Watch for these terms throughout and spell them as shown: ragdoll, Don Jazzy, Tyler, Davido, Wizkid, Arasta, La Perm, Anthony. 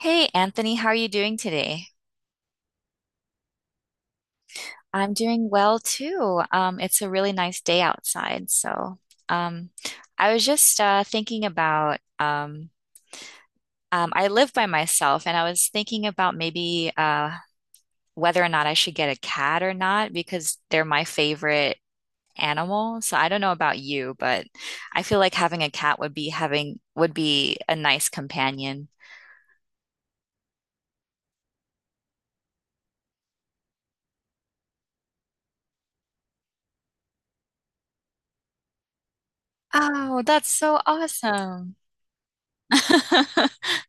Hey Anthony, how are you doing today? I'm doing well too. It's a really nice day outside. Um, I was just thinking about I live by myself, and I was thinking about maybe whether or not I should get a cat or not because they're my favorite animal. So I don't know about you, but I feel like having a cat would be a nice companion. Oh, that's so awesome.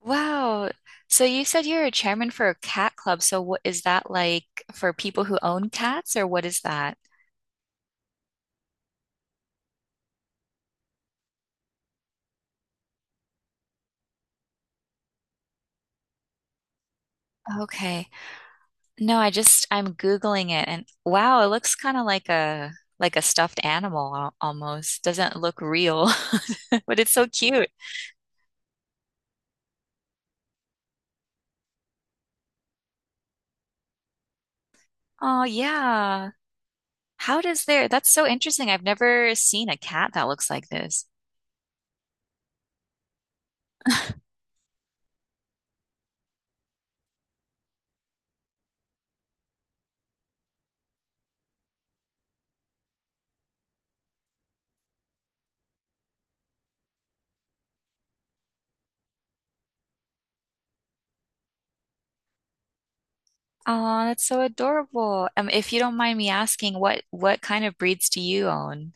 Wow. So you said you're a chairman for a cat club. So what is that like for people who own cats, or what is that? Okay. No, I just I'm Googling it and wow, it looks kind of like a stuffed animal almost. Doesn't look real, but it's so cute. Oh yeah. How does there? That's so interesting. I've never seen a cat that looks like this. Oh, that's so adorable. If you don't mind me asking, what kind of breeds do you own?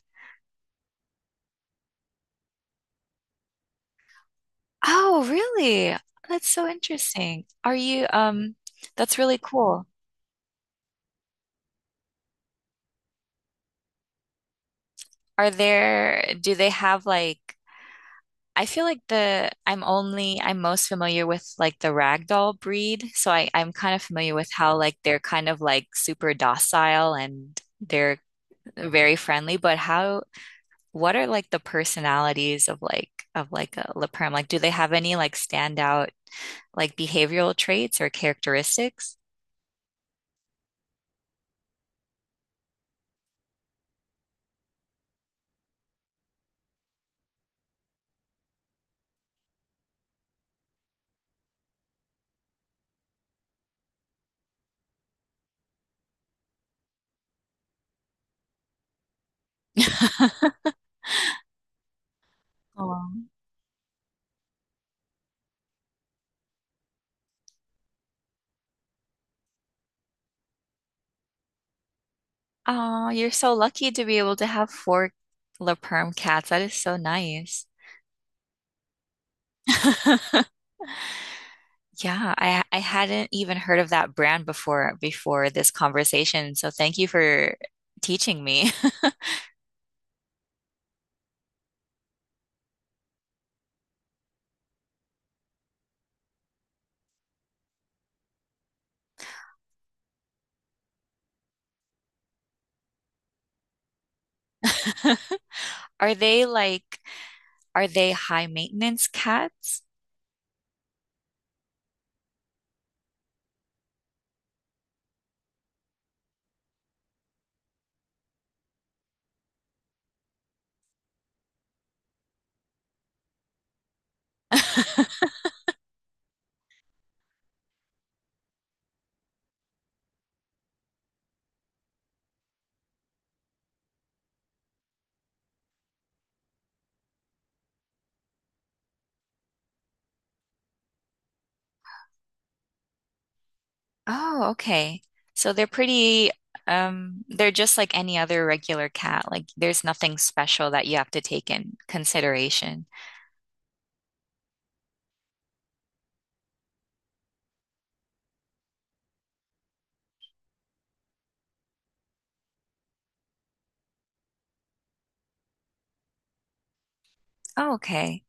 Oh, really? That's so interesting. Are you that's really cool. Are there, do they have like, I feel like the I'm only I'm most familiar with like the ragdoll breed, so I'm kind of familiar with how like they're kind of like super docile and they're very friendly, but how, what are like the personalities of like a La Perm? Like do they have any like standout like behavioral traits or characteristics? Oh. Oh, you're so lucky to be able to have four La Perm cats. That is so nice. Yeah, I hadn't even heard of that brand before this conversation. So thank you for teaching me. Are they like, are they high maintenance cats? Oh, okay. So they're pretty, they're just like any other regular cat. Like there's nothing special that you have to take in consideration. Oh, okay.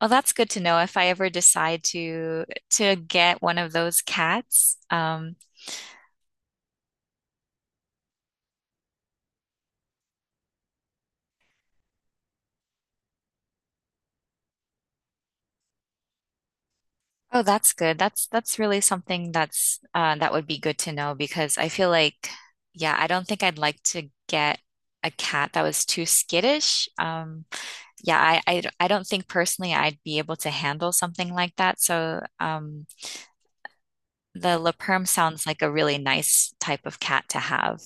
Well, that's good to know if I ever decide to get one of those cats. Oh, that's good. That's really something that would be good to know because I feel like, yeah, I don't think I'd like to get a cat that was too skittish. Yeah, I don't think personally I'd be able to handle something like that. So, the Le Perm sounds like a really nice type of cat to have.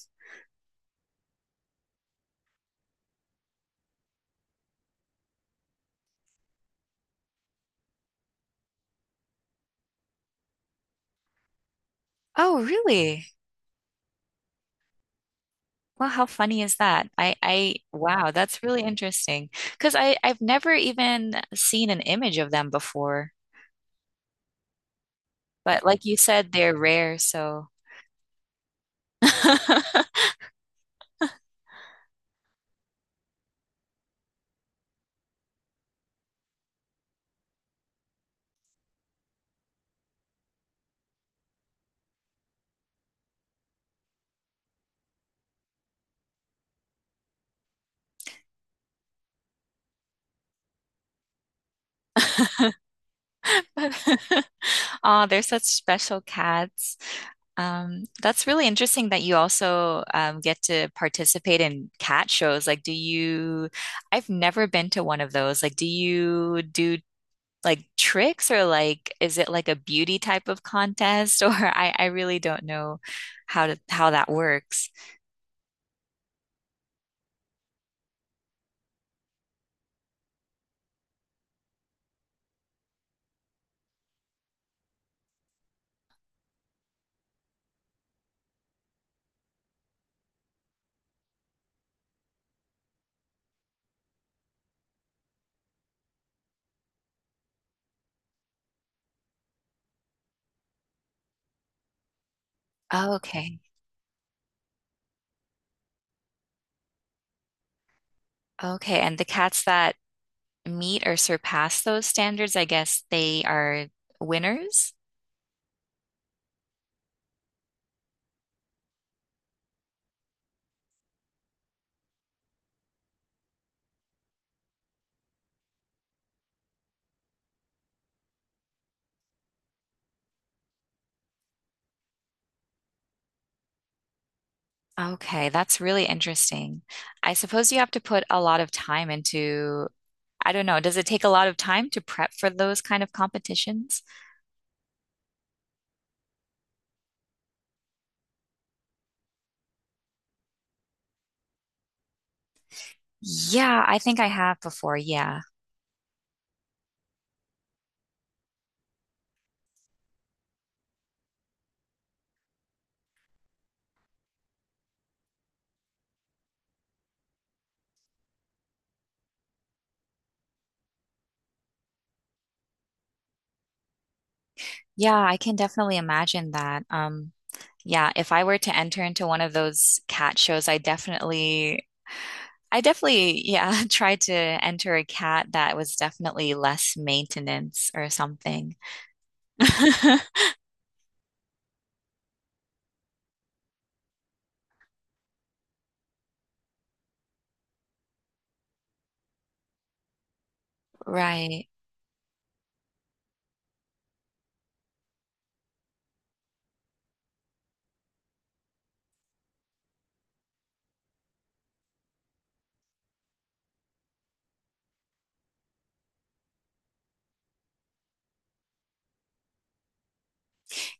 Oh, really? Well, how funny is that? Wow, that's really interesting. Because I've never even seen an image of them before. But like you said, they're rare, so. Oh, they're such special cats. That's really interesting that you also get to participate in cat shows. Like, do you, I've never been to one of those. Like, do you do like tricks or like is it like a beauty type of contest or I really don't know how that works. Oh, okay. Okay, and the cats that meet or surpass those standards, I guess they are winners. Okay, that's really interesting. I suppose you have to put a lot of time into, I don't know, does it take a lot of time to prep for those kind of competitions? Yeah, I think I have before. Yeah. Yeah, I can definitely imagine that. Yeah, if I were to enter into one of those cat shows, I definitely, yeah, tried to enter a cat that was definitely less maintenance or something. Right.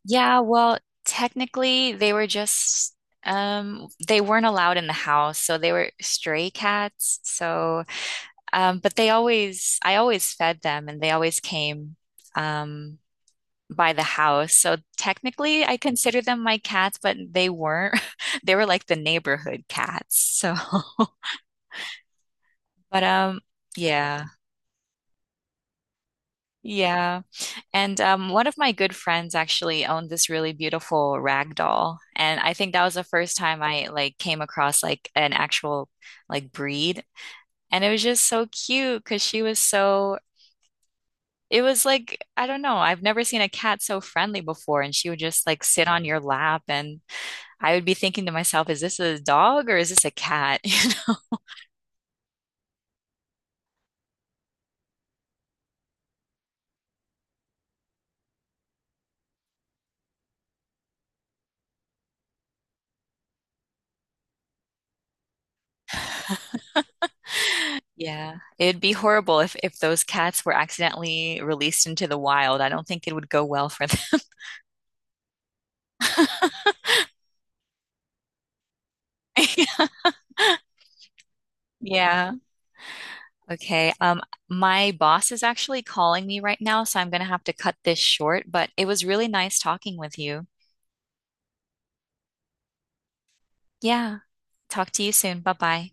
Yeah, well, technically they were just they weren't allowed in the house, so they were stray cats. So but they always I always fed them and they always came. Um by the house. So technically, I consider them my cats, but they weren't. They were like the neighborhood cats. So, but yeah. Yeah. And one of my good friends actually owned this really beautiful rag doll. And I think that was the first time I like came across like an actual like breed. And it was just so cute because she was so, it was like, I don't know, I've never seen a cat so friendly before. And she would just like sit on your lap and I would be thinking to myself, is this a dog or is this a cat? You know? Yeah, it'd be horrible if those cats were accidentally released into the wild. I don't think it would go well for them. Yeah. Okay. My boss is actually calling me right now, so I'm gonna have to cut this short, but it was really nice talking with you. Yeah. Talk to you soon. Bye-bye.